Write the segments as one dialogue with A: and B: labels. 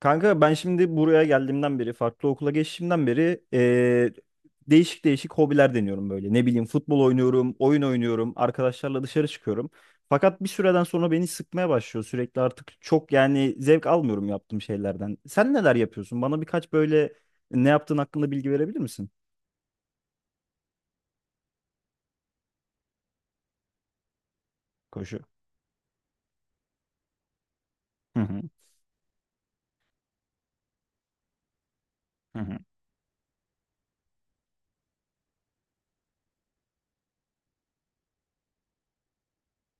A: Kanka ben şimdi buraya geldiğimden beri, farklı okula geçtiğimden beri değişik değişik hobiler deniyorum böyle. Ne bileyim futbol oynuyorum, oyun oynuyorum, arkadaşlarla dışarı çıkıyorum. Fakat bir süreden sonra beni sıkmaya başlıyor sürekli artık çok yani zevk almıyorum yaptığım şeylerden. Sen neler yapıyorsun? Bana birkaç böyle ne yaptığın hakkında bilgi verebilir misin? Koşu. Hı hı, hı hı.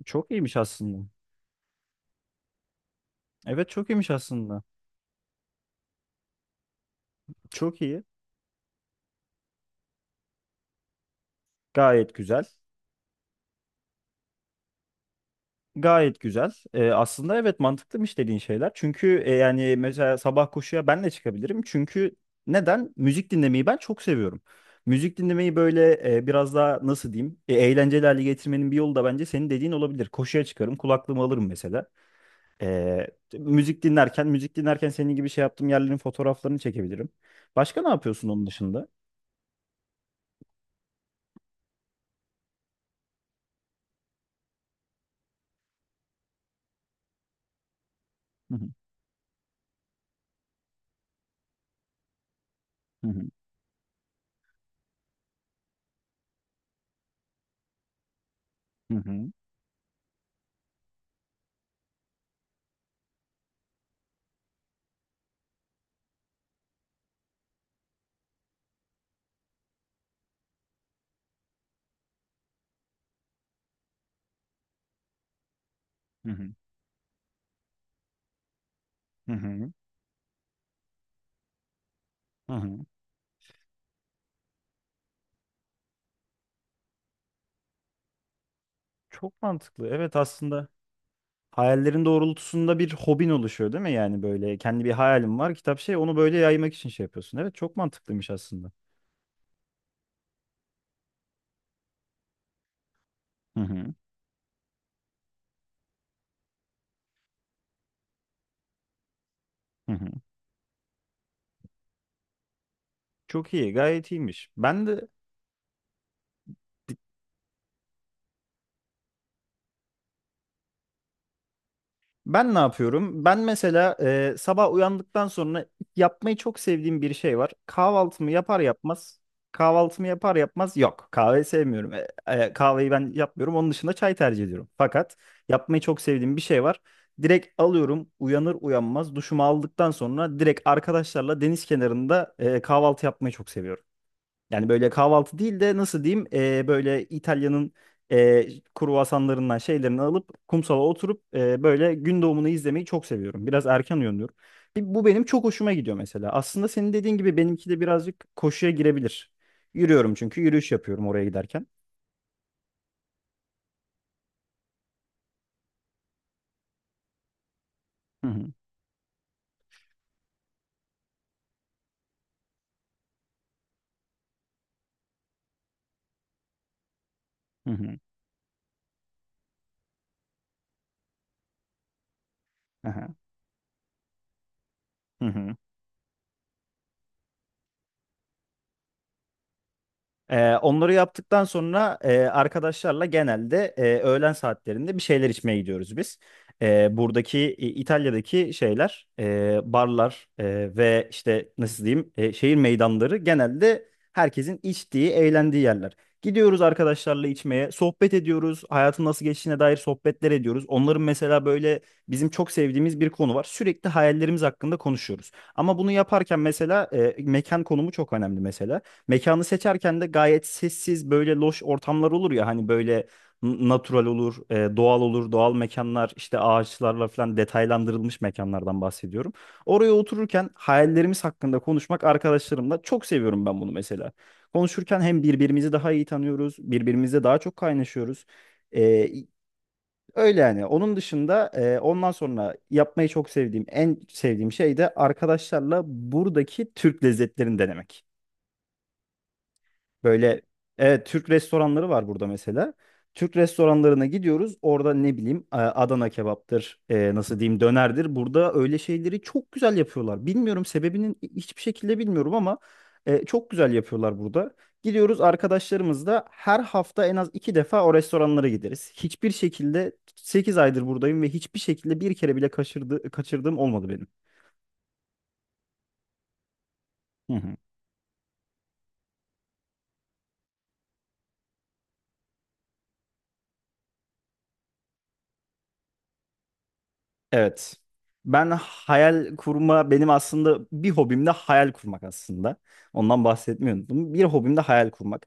A: Çok iyiymiş aslında. Evet çok iyiymiş aslında. Çok iyi. Gayet güzel. Gayet güzel. Aslında evet mantıklıymış dediğin şeyler. Çünkü yani mesela sabah koşuya ben de çıkabilirim. Çünkü neden? Müzik dinlemeyi ben çok seviyorum. Müzik dinlemeyi böyle biraz daha nasıl diyeyim? Eğlenceli hale getirmenin bir yolu da bence senin dediğin olabilir. Koşuya çıkarım, kulaklığımı alırım mesela. Ee, müzik dinlerken senin gibi şey yaptığım yerlerin fotoğraflarını çekebilirim. Başka ne yapıyorsun onun dışında? Hı hı, hı hı, hı hı, hı hı, hı. Çok mantıklı. Evet aslında. Hayallerin doğrultusunda bir hobin oluşuyor değil mi? Yani böyle kendi bir hayalim var, kitap şey onu böyle yaymak için şey yapıyorsun. Evet çok mantıklıymış aslında. Hı hı. Hı hı. Çok iyi, gayet iyiymiş. Ben de. Ben ne yapıyorum? Ben mesela sabah uyandıktan sonra yapmayı çok sevdiğim bir şey var. Kahvaltımı yapar yapmaz yok. Kahve sevmiyorum. Kahveyi ben yapmıyorum. Onun dışında çay tercih ediyorum. Fakat yapmayı çok sevdiğim bir şey var. Direkt alıyorum uyanır uyanmaz duşumu aldıktan sonra direkt arkadaşlarla deniz kenarında kahvaltı yapmayı çok seviyorum. Yani böyle kahvaltı değil de nasıl diyeyim böyle İtalya'nın e, kruvasanlarından şeylerini alıp kumsala oturup böyle gün doğumunu izlemeyi çok seviyorum. Biraz erken uyanıyorum. Bu benim çok hoşuma gidiyor mesela. Aslında senin dediğin gibi benimki de birazcık koşuya girebilir. Yürüyorum çünkü yürüyüş yapıyorum oraya giderken. Hı hı, hı hı. Aha, hı hı. Onları yaptıktan sonra arkadaşlarla genelde öğlen saatlerinde bir şeyler içmeye gidiyoruz biz. Buradaki İtalya'daki şeyler, barlar ve işte nasıl diyeyim şehir meydanları genelde herkesin içtiği, eğlendiği yerler. Gidiyoruz arkadaşlarla içmeye, sohbet ediyoruz, hayatın nasıl geçtiğine dair sohbetler ediyoruz. Onların mesela böyle bizim çok sevdiğimiz bir konu var. Sürekli hayallerimiz hakkında konuşuyoruz. Ama bunu yaparken mesela mekan konumu çok önemli mesela. Mekanı seçerken de gayet sessiz böyle loş ortamlar olur ya hani böyle natural olur, doğal olur, doğal mekanlar işte ağaçlarla falan detaylandırılmış mekanlardan bahsediyorum. Oraya otururken hayallerimiz hakkında konuşmak arkadaşlarımla çok seviyorum ben bunu mesela. Konuşurken hem birbirimizi daha iyi tanıyoruz, birbirimizle daha çok kaynaşıyoruz. E, Öyle yani. Onun dışında ondan sonra yapmayı çok sevdiğim, en sevdiğim şey de arkadaşlarla buradaki Türk lezzetlerini denemek. Böyle evet Türk restoranları var burada mesela. Türk restoranlarına gidiyoruz. Orada ne bileyim Adana kebaptır, nasıl diyeyim dönerdir. Burada öyle şeyleri çok güzel yapıyorlar. Bilmiyorum sebebinin hiçbir şekilde bilmiyorum ama çok güzel yapıyorlar burada. Gidiyoruz arkadaşlarımızla her hafta en az 2 defa o restoranlara gideriz. Hiçbir şekilde 8 aydır buradayım ve hiçbir şekilde bir kere bile kaçırdığım olmadı benim. Hı hı. Evet. Ben hayal kurma Benim aslında bir hobim de hayal kurmak aslında. Ondan bahsetmiyordum. Bir hobim de hayal kurmak.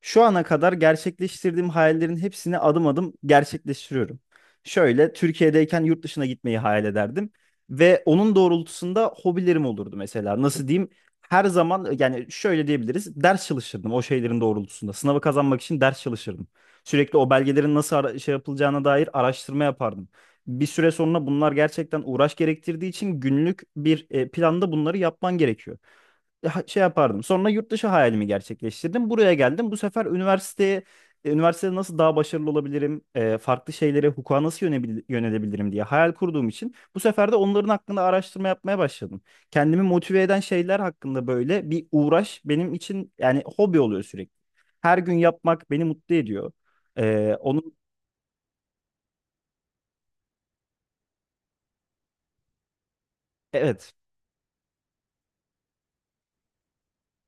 A: Şu ana kadar gerçekleştirdiğim hayallerin hepsini adım adım gerçekleştiriyorum. Şöyle Türkiye'deyken yurt dışına gitmeyi hayal ederdim ve onun doğrultusunda hobilerim olurdu mesela. Nasıl diyeyim? Her zaman yani şöyle diyebiliriz. Ders çalışırdım o şeylerin doğrultusunda. Sınavı kazanmak için ders çalışırdım. Sürekli o belgelerin nasıl şey yapılacağına dair araştırma yapardım. Bir süre sonra bunlar gerçekten uğraş gerektirdiği için günlük bir planda bunları yapman gerekiyor. Şey yapardım. Sonra yurt dışı hayalimi gerçekleştirdim. Buraya geldim. Bu sefer üniversitede nasıl daha başarılı olabilirim? Farklı şeylere, hukuka nasıl yönelebilirim diye hayal kurduğum için bu sefer de onların hakkında araştırma yapmaya başladım. Kendimi motive eden şeyler hakkında böyle bir uğraş benim için yani hobi oluyor sürekli. Her gün yapmak beni mutlu ediyor. Onun evet.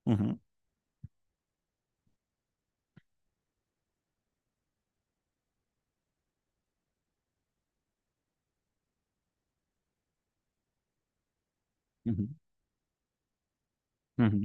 A: Hı hı. Hı hı. Hı hı.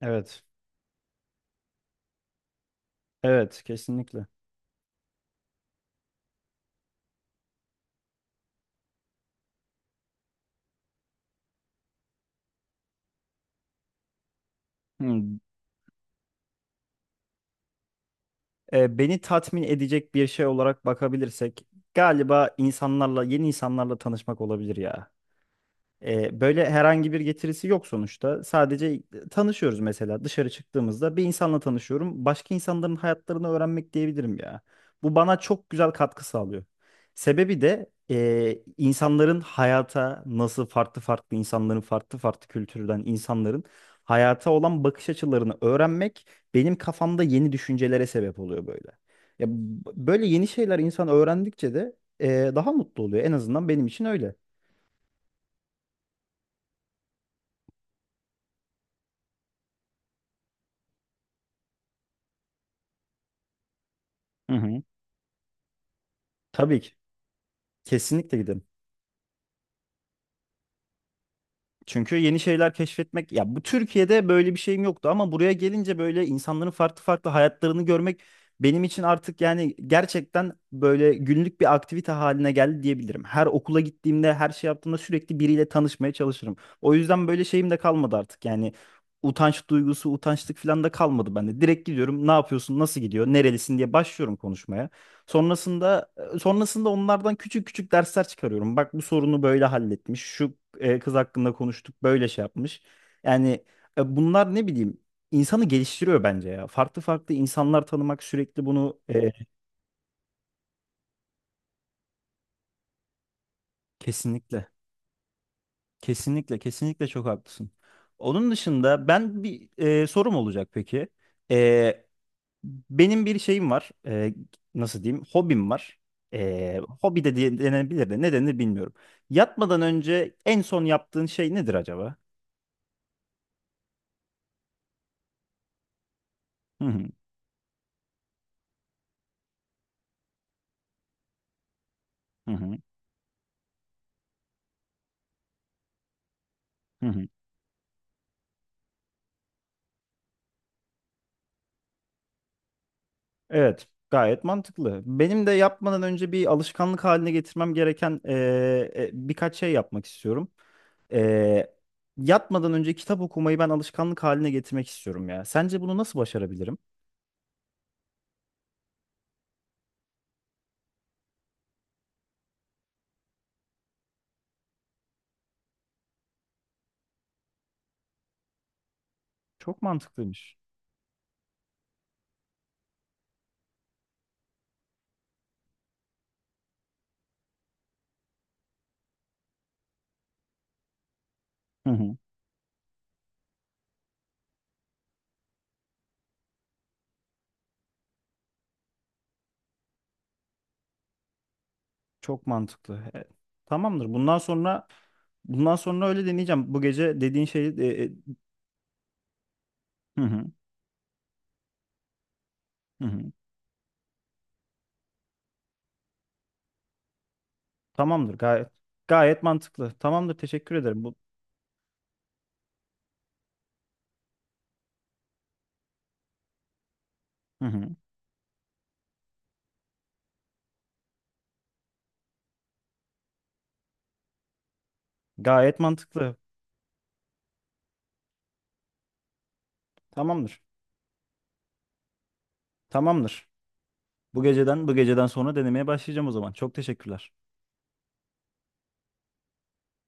A: Evet. Evet, kesinlikle. Hmm, Beni tatmin edecek bir şey olarak bakabilirsek galiba yeni insanlarla tanışmak olabilir ya. Böyle herhangi bir getirisi yok sonuçta. Sadece tanışıyoruz mesela dışarı çıktığımızda bir insanla tanışıyorum. Başka insanların hayatlarını öğrenmek diyebilirim ya. Bu bana çok güzel katkı sağlıyor. Sebebi de insanların hayata nasıl farklı farklı insanların farklı farklı kültürden insanların hayata olan bakış açılarını öğrenmek benim kafamda yeni düşüncelere sebep oluyor böyle. Ya, böyle yeni şeyler insan öğrendikçe de daha mutlu oluyor. En azından benim için öyle. Hı hı. Tabii ki. Kesinlikle gidelim. Çünkü yeni şeyler keşfetmek ya bu Türkiye'de böyle bir şeyim yoktu ama buraya gelince böyle insanların farklı farklı hayatlarını görmek benim için artık yani gerçekten böyle günlük bir aktivite haline geldi diyebilirim. Her okula gittiğimde, her şey yaptığımda sürekli biriyle tanışmaya çalışırım. O yüzden böyle şeyim de kalmadı artık. Yani utanç duygusu, utançlık falan da kalmadı bende. Direkt gidiyorum. Ne yapıyorsun? Nasıl gidiyor? Nerelisin diye başlıyorum konuşmaya. Sonrasında Sonrasında onlardan küçük küçük dersler çıkarıyorum. Bak bu sorunu böyle halletmiş. Şu kız hakkında konuştuk, böyle şey yapmış. Yani bunlar ne bileyim insanı geliştiriyor bence ya. Farklı farklı insanlar tanımak sürekli bunu. Kesinlikle. Kesinlikle, kesinlikle çok haklısın. Onun dışında ben bir sorum olacak peki. E, Benim bir şeyim var. Nasıl diyeyim? Hobim var. Hobi de denebilir de ne denir bilmiyorum. Yatmadan önce en son yaptığın şey nedir acaba? Hı hı, hı hı, hı hı. Evet, gayet mantıklı. Benim de yapmadan önce bir alışkanlık haline getirmem gereken birkaç şey yapmak istiyorum. Ee, Yatmadan önce kitap okumayı ben alışkanlık haline getirmek istiyorum ya. Sence bunu nasıl başarabilirim? Çok mantıklıymış. Çok mantıklı. Tamamdır. Bundan sonra öyle deneyeceğim. Bu gece dediğin şeyi. Hı hı, hı hı. Tamamdır. Gayet mantıklı. Tamamdır. Teşekkür ederim. Hı hı. Gayet mantıklı. Tamamdır. Tamamdır. Bu geceden sonra denemeye başlayacağım o zaman. Çok teşekkürler.